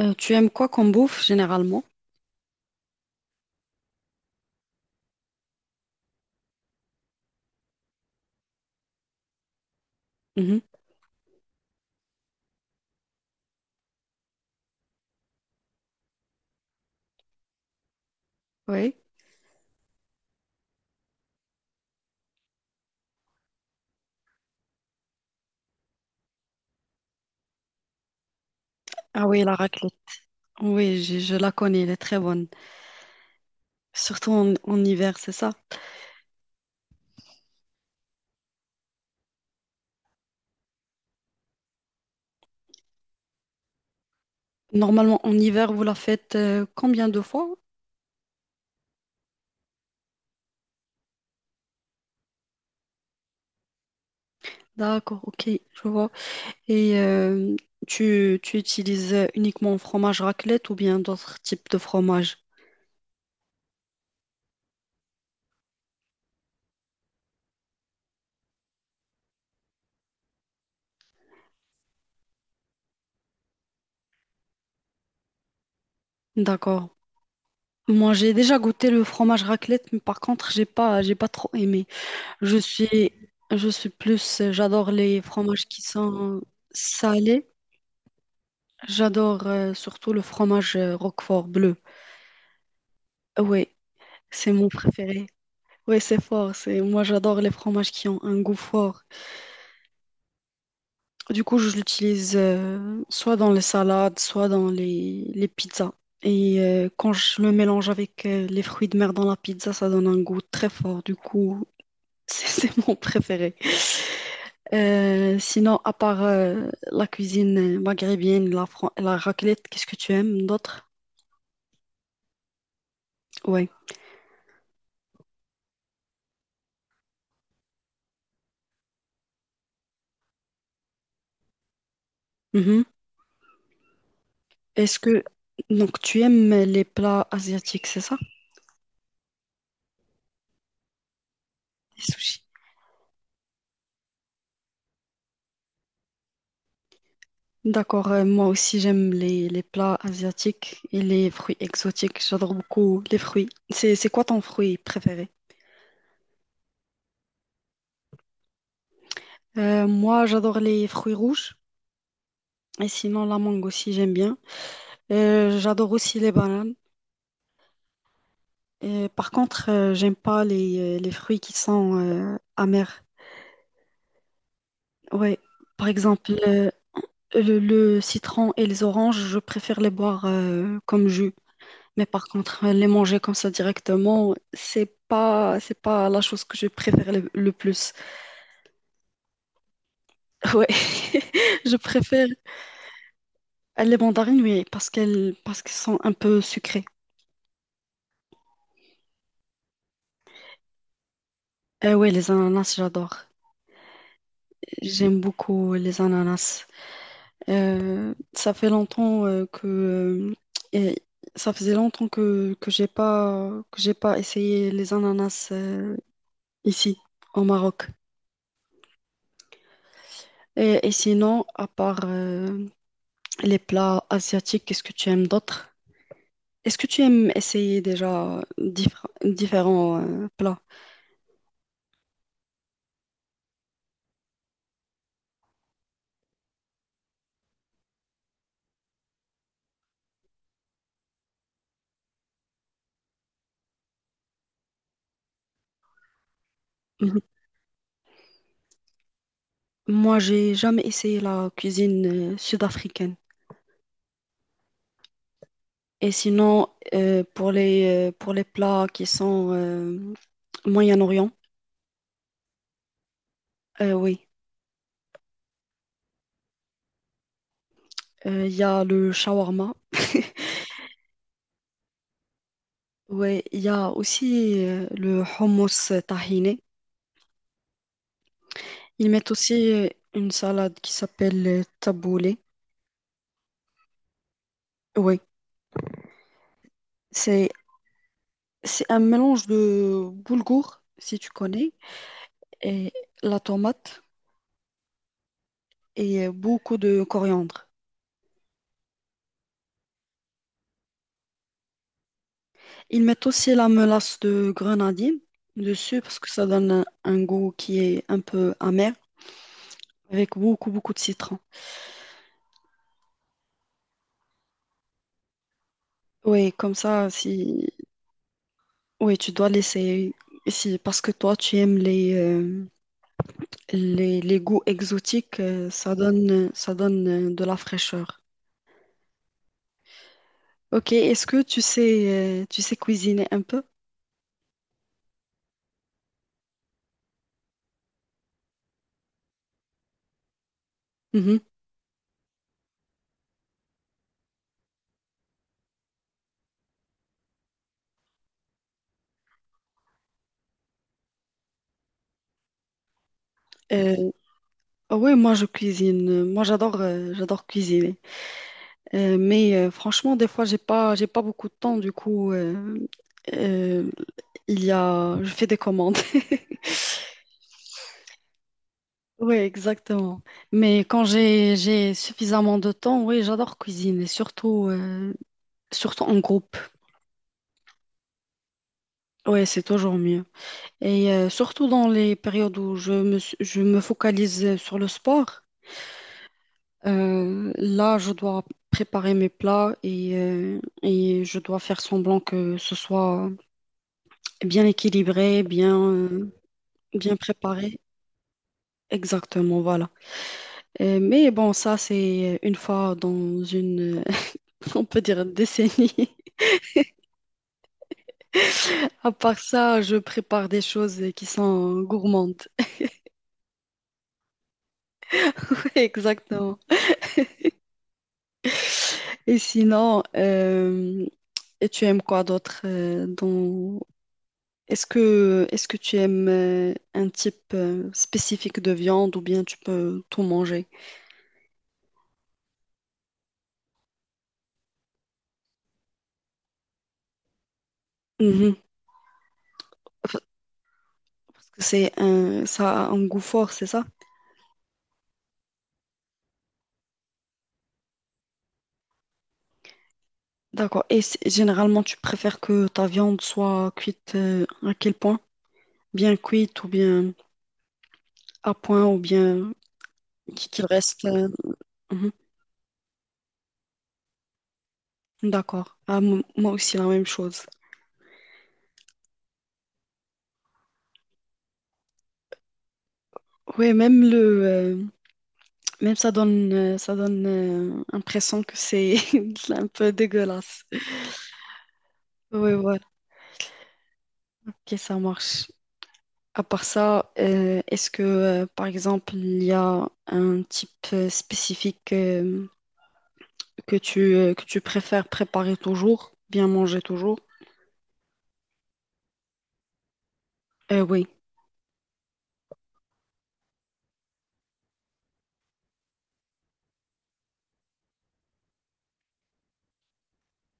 Tu aimes quoi comme bouffe généralement? Mhm. Oui. Ah oui, la raclette. Oui, je la connais, elle est très bonne. Surtout en hiver, c'est ça. Normalement, en hiver, vous la faites combien de fois? D'accord, ok, je vois. Et tu utilises uniquement fromage raclette ou bien d'autres types de fromage? D'accord. Moi, j'ai déjà goûté le fromage raclette, mais par contre, j'ai pas trop aimé. Je suis, je suis plus, j'adore les fromages qui sont salés. J'adore surtout le fromage Roquefort bleu. Oui, c'est mon préféré. Oui, c'est fort. C'est moi, j'adore les fromages qui ont un goût fort. Du coup, je l'utilise soit dans les salades, soit dans les pizzas. Et quand je le mélange avec les fruits de mer dans la pizza, ça donne un goût très fort. Du coup, c'est mon préféré. Sinon, à part la cuisine maghrébine, la raclette, qu'est-ce que tu aimes d'autre? Oui. Est-ce que donc tu aimes les plats asiatiques, c'est ça? Les sushis. D'accord, moi aussi j'aime les plats asiatiques et les fruits exotiques. J'adore beaucoup les fruits. C'est quoi ton fruit préféré? Moi j'adore les fruits rouges et sinon la mangue aussi j'aime bien. J'adore aussi les bananes. Et par contre j'aime pas les fruits qui sont amers. Ouais, par exemple le citron et les oranges, je préfère les boire comme jus. Mais par contre, les manger comme ça directement, c'est pas la chose que je préfère le plus. Ouais, je préfère les mandarines. Oui, parce qu'elles sont un peu sucrées. Ouais, les ananas, j'adore. J'aime beaucoup les ananas. Euh, ça fait longtemps euh, que, euh, et Ça faisait longtemps que j'ai pas essayé les ananas ici au Maroc. Et sinon, à part, les plats asiatiques, qu'est-ce que tu aimes d'autres? Est-ce que tu aimes essayer déjà différents plats? Mhm. Moi, j'ai jamais essayé la cuisine sud-africaine. Et sinon, pour pour les plats qui sont Moyen-Orient, oui, il y a le shawarma. Oui, il y a aussi le hummus tahini. Ils mettent aussi une salade qui s'appelle taboulé. Oui, c'est... C'est un mélange de boulgour, si tu connais, et la tomate et beaucoup de coriandre. Ils mettent aussi la mélasse de grenadine dessus parce que ça donne un goût qui est un peu amer avec beaucoup, beaucoup de citron. Oui, comme ça, si... Oui, tu dois laisser... Si, parce que toi, tu aimes les goûts exotiques, ça donne de la fraîcheur. Ok, est-ce que tu sais cuisiner un peu? Mhm. Euh, Ah oui, moi je cuisine. Moi j'adore j'adore cuisiner. Mais franchement, des fois j'ai pas beaucoup de temps. Du coup, euh, il y a je fais des commandes. Oui, exactement. Mais quand j'ai suffisamment de temps, oui, j'adore cuisiner, surtout en groupe. Oui, c'est toujours mieux. Et surtout dans les périodes où je me focalise sur le sport. Là, je dois préparer mes plats et et je dois faire semblant que ce soit bien équilibré, bien préparé. Exactement, voilà. Mais bon, ça, c'est une fois dans une, on peut dire, décennie. À part ça, je prépare des choses qui sont gourmandes. Exactement. Et sinon, tu aimes quoi d'autre dans, est-ce que tu aimes un type spécifique de viande ou bien tu peux tout manger? Mhm. Enfin, parce que c'est un, ça a un goût fort, c'est ça? D'accord. Et généralement, tu préfères que ta viande soit cuite à quel point? Bien cuite ou bien à point ou bien qu'il reste. Mhm. D'accord. Ah, moi aussi, la même chose. Oui, euh, même ça donne l'impression que c'est un peu dégueulasse. Oui. Ok, ça marche. À part ça, par exemple, il y a un type spécifique que que tu préfères préparer toujours, bien manger toujours? Oui.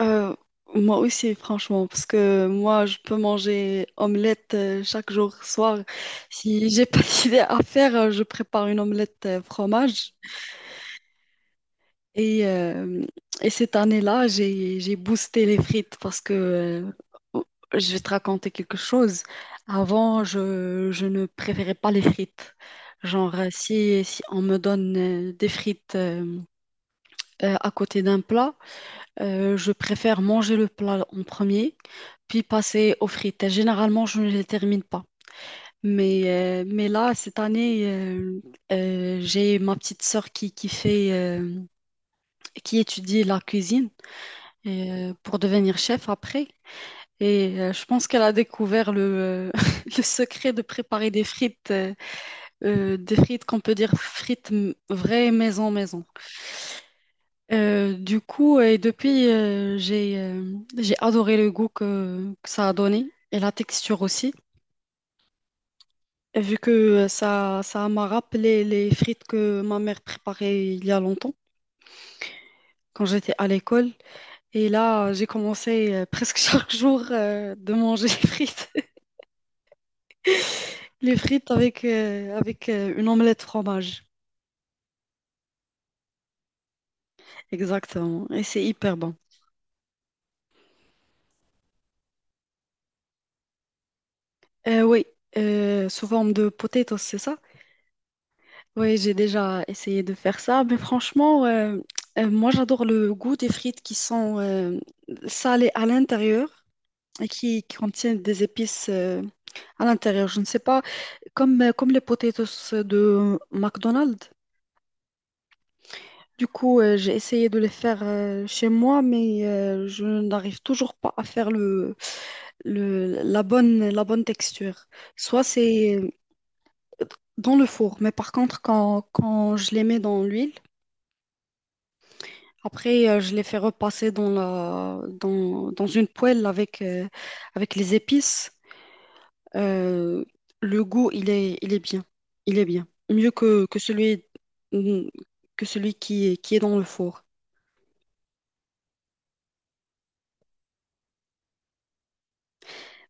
Euh, moi aussi, franchement, parce que moi, je peux manger omelette chaque jour, soir. Si j'ai pas d'idée à faire, je prépare une omelette fromage. Et, euh, et cette année-là, j'ai boosté les frites parce que euh, je vais te raconter quelque chose. Avant, je ne préférais pas les frites. Genre, si on me donne des frites à côté d'un plat, je préfère manger le plat en premier, puis passer aux frites. Et généralement, je ne les termine pas. Mais là, cette année, j'ai ma petite sœur qui fait, qui étudie la cuisine et pour devenir chef après. Et je pense qu'elle a découvert le secret de préparer des frites qu'on peut dire vraies maison maison. Du coup, depuis, j'ai adoré le goût que ça a donné et la texture aussi. Et vu que ça m'a rappelé les frites que ma mère préparait il y a longtemps, quand j'étais à l'école. Et là, j'ai commencé presque chaque jour de manger des frites. Les frites avec, une omelette fromage. Exactement. Et c'est hyper bon. Oui, sous forme de potatoes, c'est ça? Oui, j'ai déjà essayé de faire ça. Mais franchement, moi, j'adore le goût des frites qui sont salées à l'intérieur et qui contiennent des épices à l'intérieur. Je ne sais pas, comme les potatoes de McDonald's. Du coup, j'ai essayé de les faire chez moi, mais je n'arrive toujours pas à faire la bonne texture. Soit c'est euh, dans le four, mais par contre, quand je les mets dans l'huile, après, je les fais repasser dans une poêle avec, avec les épices. Euh, le goût, il est bien. Il est bien. Mieux que celui, mm, que celui qui est dans le four.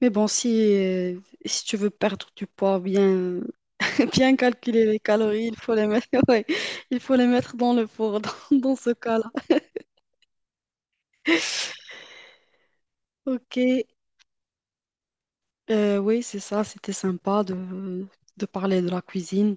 Mais bon, si tu veux perdre du poids, bien calculer les calories, il faut les mettre, ouais, il faut les mettre dans le four, dans ce cas-là. Ok, oui, c'est ça, c'était sympa de parler de la cuisine.